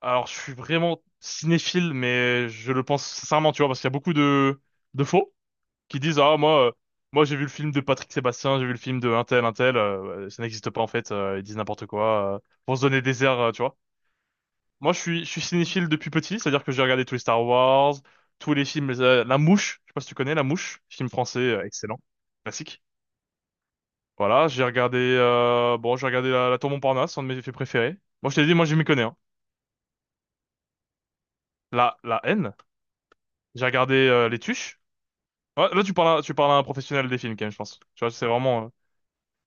Alors, je suis vraiment cinéphile, mais je le pense sincèrement, tu vois, parce qu'il y a beaucoup de faux qui disent, ah, moi, j'ai vu le film de Patrick Sébastien, j'ai vu le film de un tel, ouais, ça n'existe pas, en fait, ils disent n'importe quoi, pour se donner des airs, tu vois. Moi, je suis cinéphile depuis petit, c'est-à-dire que j'ai regardé tous les Star Wars, tous les films, La Mouche, je sais pas si tu connais La Mouche, film français, excellent, classique. Voilà, j'ai regardé, bon, j'ai regardé la Tour Montparnasse, un de mes films préférés. Moi, je t'ai dit, moi, je m'y connais, hein. La haine. J'ai regardé Les Tuches. Ouais, là, tu parles à un professionnel des films, quand même, je pense. Tu vois, c'est vraiment.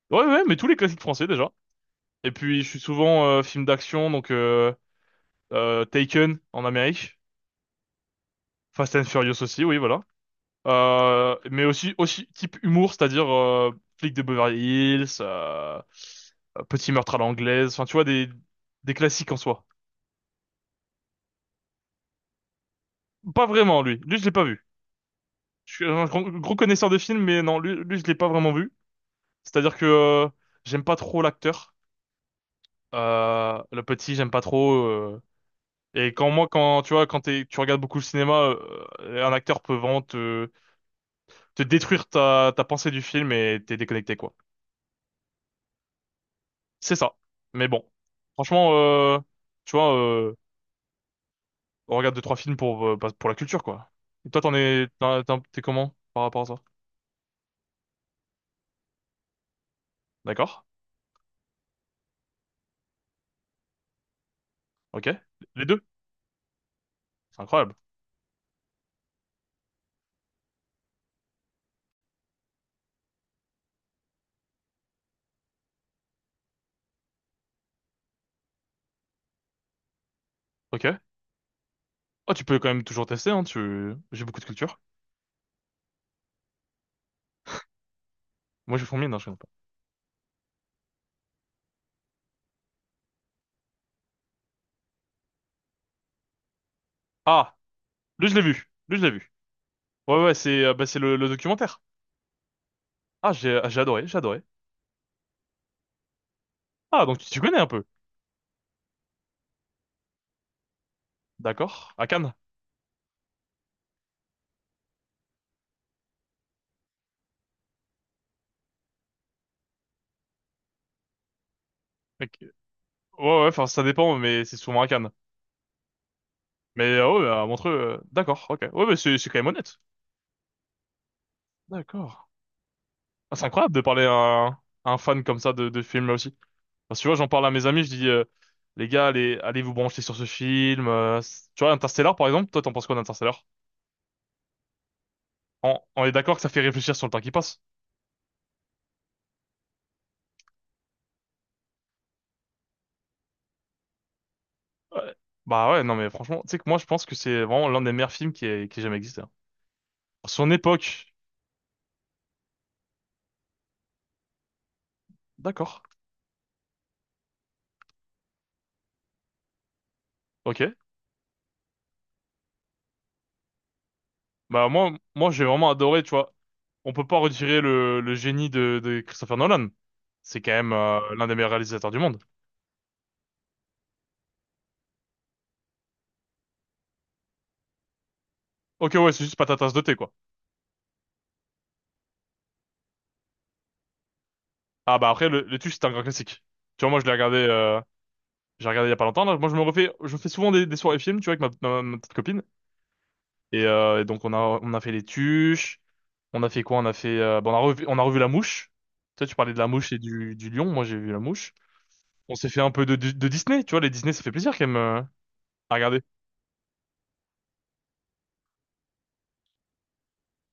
Ouais, ouais, mais tous les classiques français, déjà. Et puis, je suis souvent film d'action, donc Taken, en Amérique. Fast and Furious aussi, oui, voilà. Mais aussi, aussi type humour, c'est-à-dire Flic de Beverly Hills, Petit meurtre à l'anglaise, enfin, tu vois, des classiques en soi. Pas vraiment, lui. Lui, je l'ai pas vu. Je suis un gros, gros connaisseur de films, mais non, lui je l'ai pas vraiment vu. C'est-à-dire que j'aime pas trop l'acteur. Le petit, j'aime pas trop. Et quand tu vois, tu regardes beaucoup le cinéma, un acteur peut vraiment te détruire ta pensée du film et t'es déconnecté, quoi. C'est ça. Mais bon, franchement, tu vois, on regarde deux trois films pour bah, pour la culture, quoi. Et toi, t'en es, t'en- t'en- t'es comment par rapport à ça? D'accord. Ok. Les deux. C'est incroyable. Ok. Oh, tu peux quand même toujours tester, hein. J'ai beaucoup de culture. Moi, je fourmille, non, je connais pas. Ah, lui, je l'ai vu. Lui, je l'ai vu. Ouais, ouais, c'est, bah, c'est le documentaire. Ah, j'ai adoré, j'ai adoré. Ah, donc tu connais un peu. D'accord. À Cannes. Ok. Ouais, ouais, enfin, ça dépend, mais c'est souvent à Cannes. Mais ouais, à Montreux, d'accord, ok. Ouais, mais c'est quand même honnête. D'accord. Ah, c'est incroyable de parler à un fan comme ça de film là aussi. Parce que tu vois, j'en parle à mes amis, je dis, les gars, allez, allez vous brancher sur ce film. Tu vois, Interstellar, par exemple, toi, t'en penses quoi d'Interstellar? On est d'accord que ça fait réfléchir sur le temps qui passe. Ouais. Bah ouais, non, mais franchement, tu sais que moi, je pense que c'est vraiment l'un des meilleurs films qui ait jamais existé, hein. Pour son époque. D'accord. Ok. Bah moi, moi j'ai vraiment adoré, tu vois. On peut pas retirer le génie de Christopher Nolan. C'est quand même l'un des meilleurs réalisateurs du monde. Ok, ouais, c'est juste pas ta tasse de thé, quoi. Ah bah après, le Tuche, c'est un grand classique. Tu vois, moi je l'ai regardé, j'ai regardé il y a pas longtemps là. Moi je me refais, je fais souvent des soirées films, tu vois, avec ma petite copine. Et donc on a fait les Tuches, on a fait quoi? On a fait, bah, on a revu La Mouche. Tu sais, tu parlais de La Mouche et du Lion, moi j'ai vu La Mouche. On s'est fait un peu de, de Disney, tu vois, les Disney, ça fait plaisir quand même à regarder.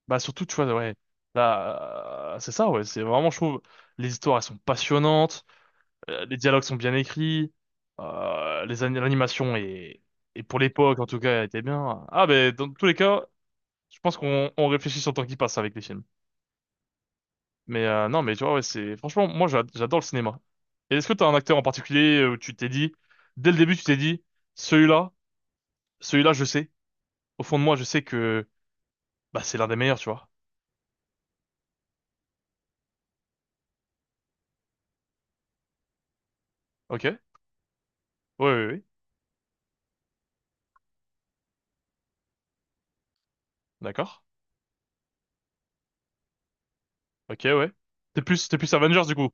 Bah surtout, tu vois, ouais, là, c'est ça, ouais, c'est vraiment, je trouve, les histoires, elles sont passionnantes, les dialogues sont bien écrits, l'animation est, et pour l'époque, en tout cas, elle était bien. Ah, ben, dans tous les cas, je pense qu'on on réfléchit sur le temps qui passe avec les films. Mais non, mais tu vois, ouais, c'est, franchement, moi, j'adore le cinéma. Et est-ce que t'as un acteur en particulier où tu t'es dit, dès le début, tu t'es dit, celui-là, celui-là, je sais, au fond de moi, je sais que, bah, c'est l'un des meilleurs, tu vois. Ok? Ouais. Oui, oui, oui, d'accord. Ok, ouais. T'es plus Avengers du coup.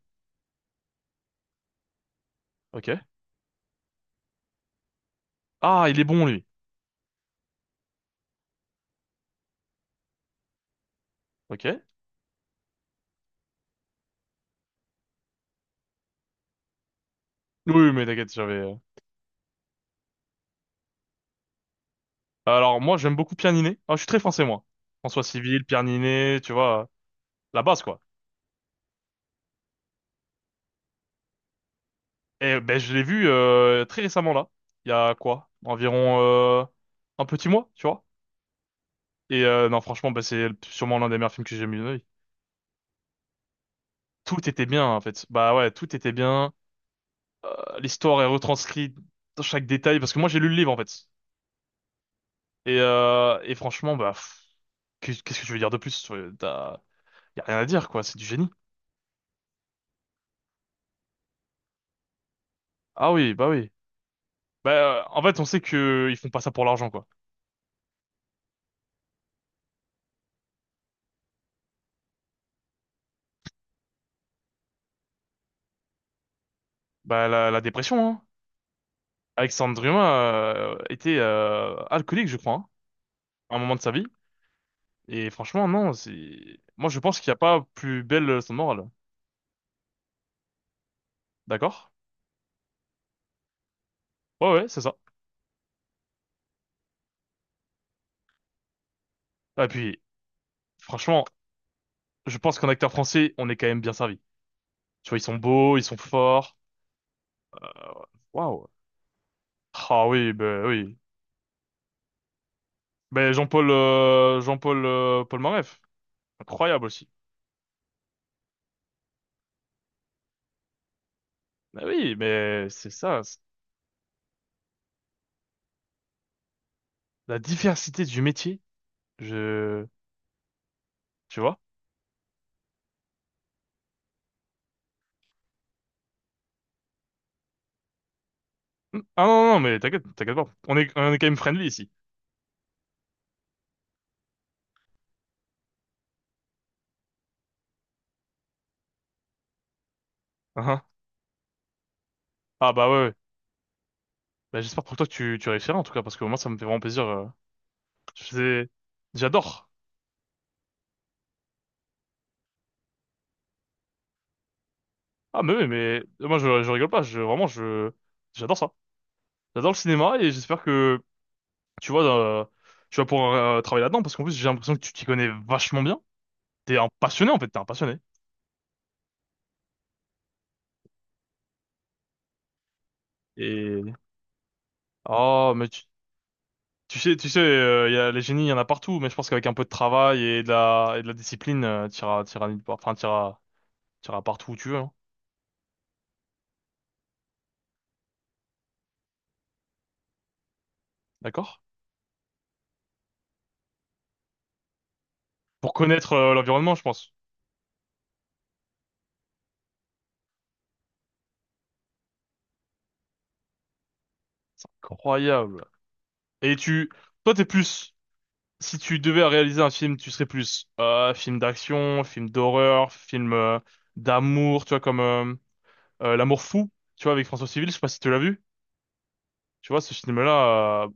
Ok. Ah, il est bon lui. Ok. Oui, oui, mais t'inquiète, j'avais. Alors moi, j'aime beaucoup Pierre Ninet. Ah, je suis très français moi. François Civil, Pierre Ninet, tu vois, la base quoi. Et ben je l'ai vu très récemment là. Il y a quoi? Environ un petit mois, tu vois. Et non, franchement, bah, c'est sûrement l'un des meilleurs films que j'ai mis de ma vie. Tout était bien en fait. Bah ouais, tout était bien. L'histoire est retranscrite dans chaque détail parce que moi j'ai lu le livre en fait. Et franchement, bah, pff, qu'est- qu'est-ce que je veux dire de plus? Y a rien à dire, quoi. C'est du génie. Ah oui. Bah, en fait, on sait que ils font pas ça pour l'argent, quoi. Bah, la dépression, hein. Alexandre Dumas était alcoolique, je crois, hein, à un moment de sa vie. Et franchement, non, c'est. Moi, je pense qu'il n'y a pas plus belle leçon de morale. D'accord? Ouais, ouais, c'est ça. Ah, et puis, franchement, je pense qu'en acteur français, on est quand même bien servi. Tu vois, ils sont beaux, ils sont forts. Euh, Waouh. Ah oui, bah oui. Ben Jean-Paul Jean-Paul Paul Moref. Incroyable aussi. Ben oui, mais c'est ça, la diversité du métier. Je Tu vois? Hmm. Ah non non non, mais t'inquiète, t'inquiète pas. On est quand même friendly ici. Ah ah. Ah, bah ouais, ouais. Ben, j'espère pour toi que tu réussiras en tout cas parce que moi ça me fait vraiment plaisir. Je sais- J'adore. Ah mais oui, mais moi je rigole pas, je vraiment je j'adore ça. J'adore le cinéma et j'espère que tu vois tu vas pouvoir travailler là-dedans parce qu'en plus j'ai l'impression que tu t'y connais vachement bien. T'es un passionné en fait, t'es un passionné. Et oh, mais tu, tu sais, il y a les génies, il y en a partout. Mais je pense qu'avec un peu de travail et de la discipline, t'iras nulle part. Enfin, t'iras partout où tu veux, hein. D'accord? Pour connaître l'environnement, je pense. C'est incroyable. Et toi, t'es plus. Si tu devais réaliser un film, tu serais plus film d'action, film d'horreur, film d'amour. Tu vois comme L'amour fou. Tu vois avec François Civil. Je sais pas si tu l'as vu. Tu vois ce film-là,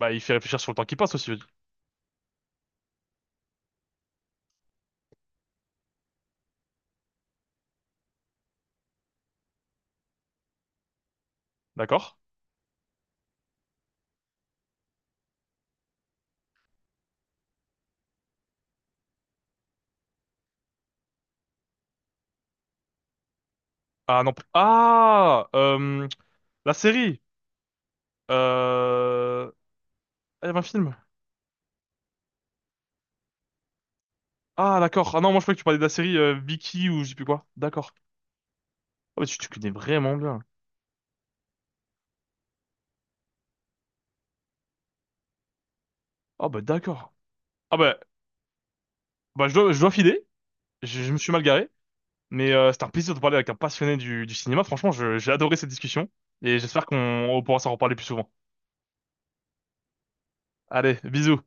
bah, il fait réfléchir sur le temps qui passe aussi. D'accord? Ah non. p- Ah La série euh... Ah, il y avait un film. Ah d'accord. Ah non, moi je croyais que tu parlais de la série Vicky ou je sais plus quoi. D'accord. Ah bah tu connais vraiment bien. Ah bah d'accord. Ah bah je dois filer. Je me suis mal garé. Mais c'était un plaisir de parler avec un passionné du cinéma. Franchement, j'ai adoré cette discussion. Et j'espère qu'on on pourra s'en reparler plus souvent. Allez, bisous.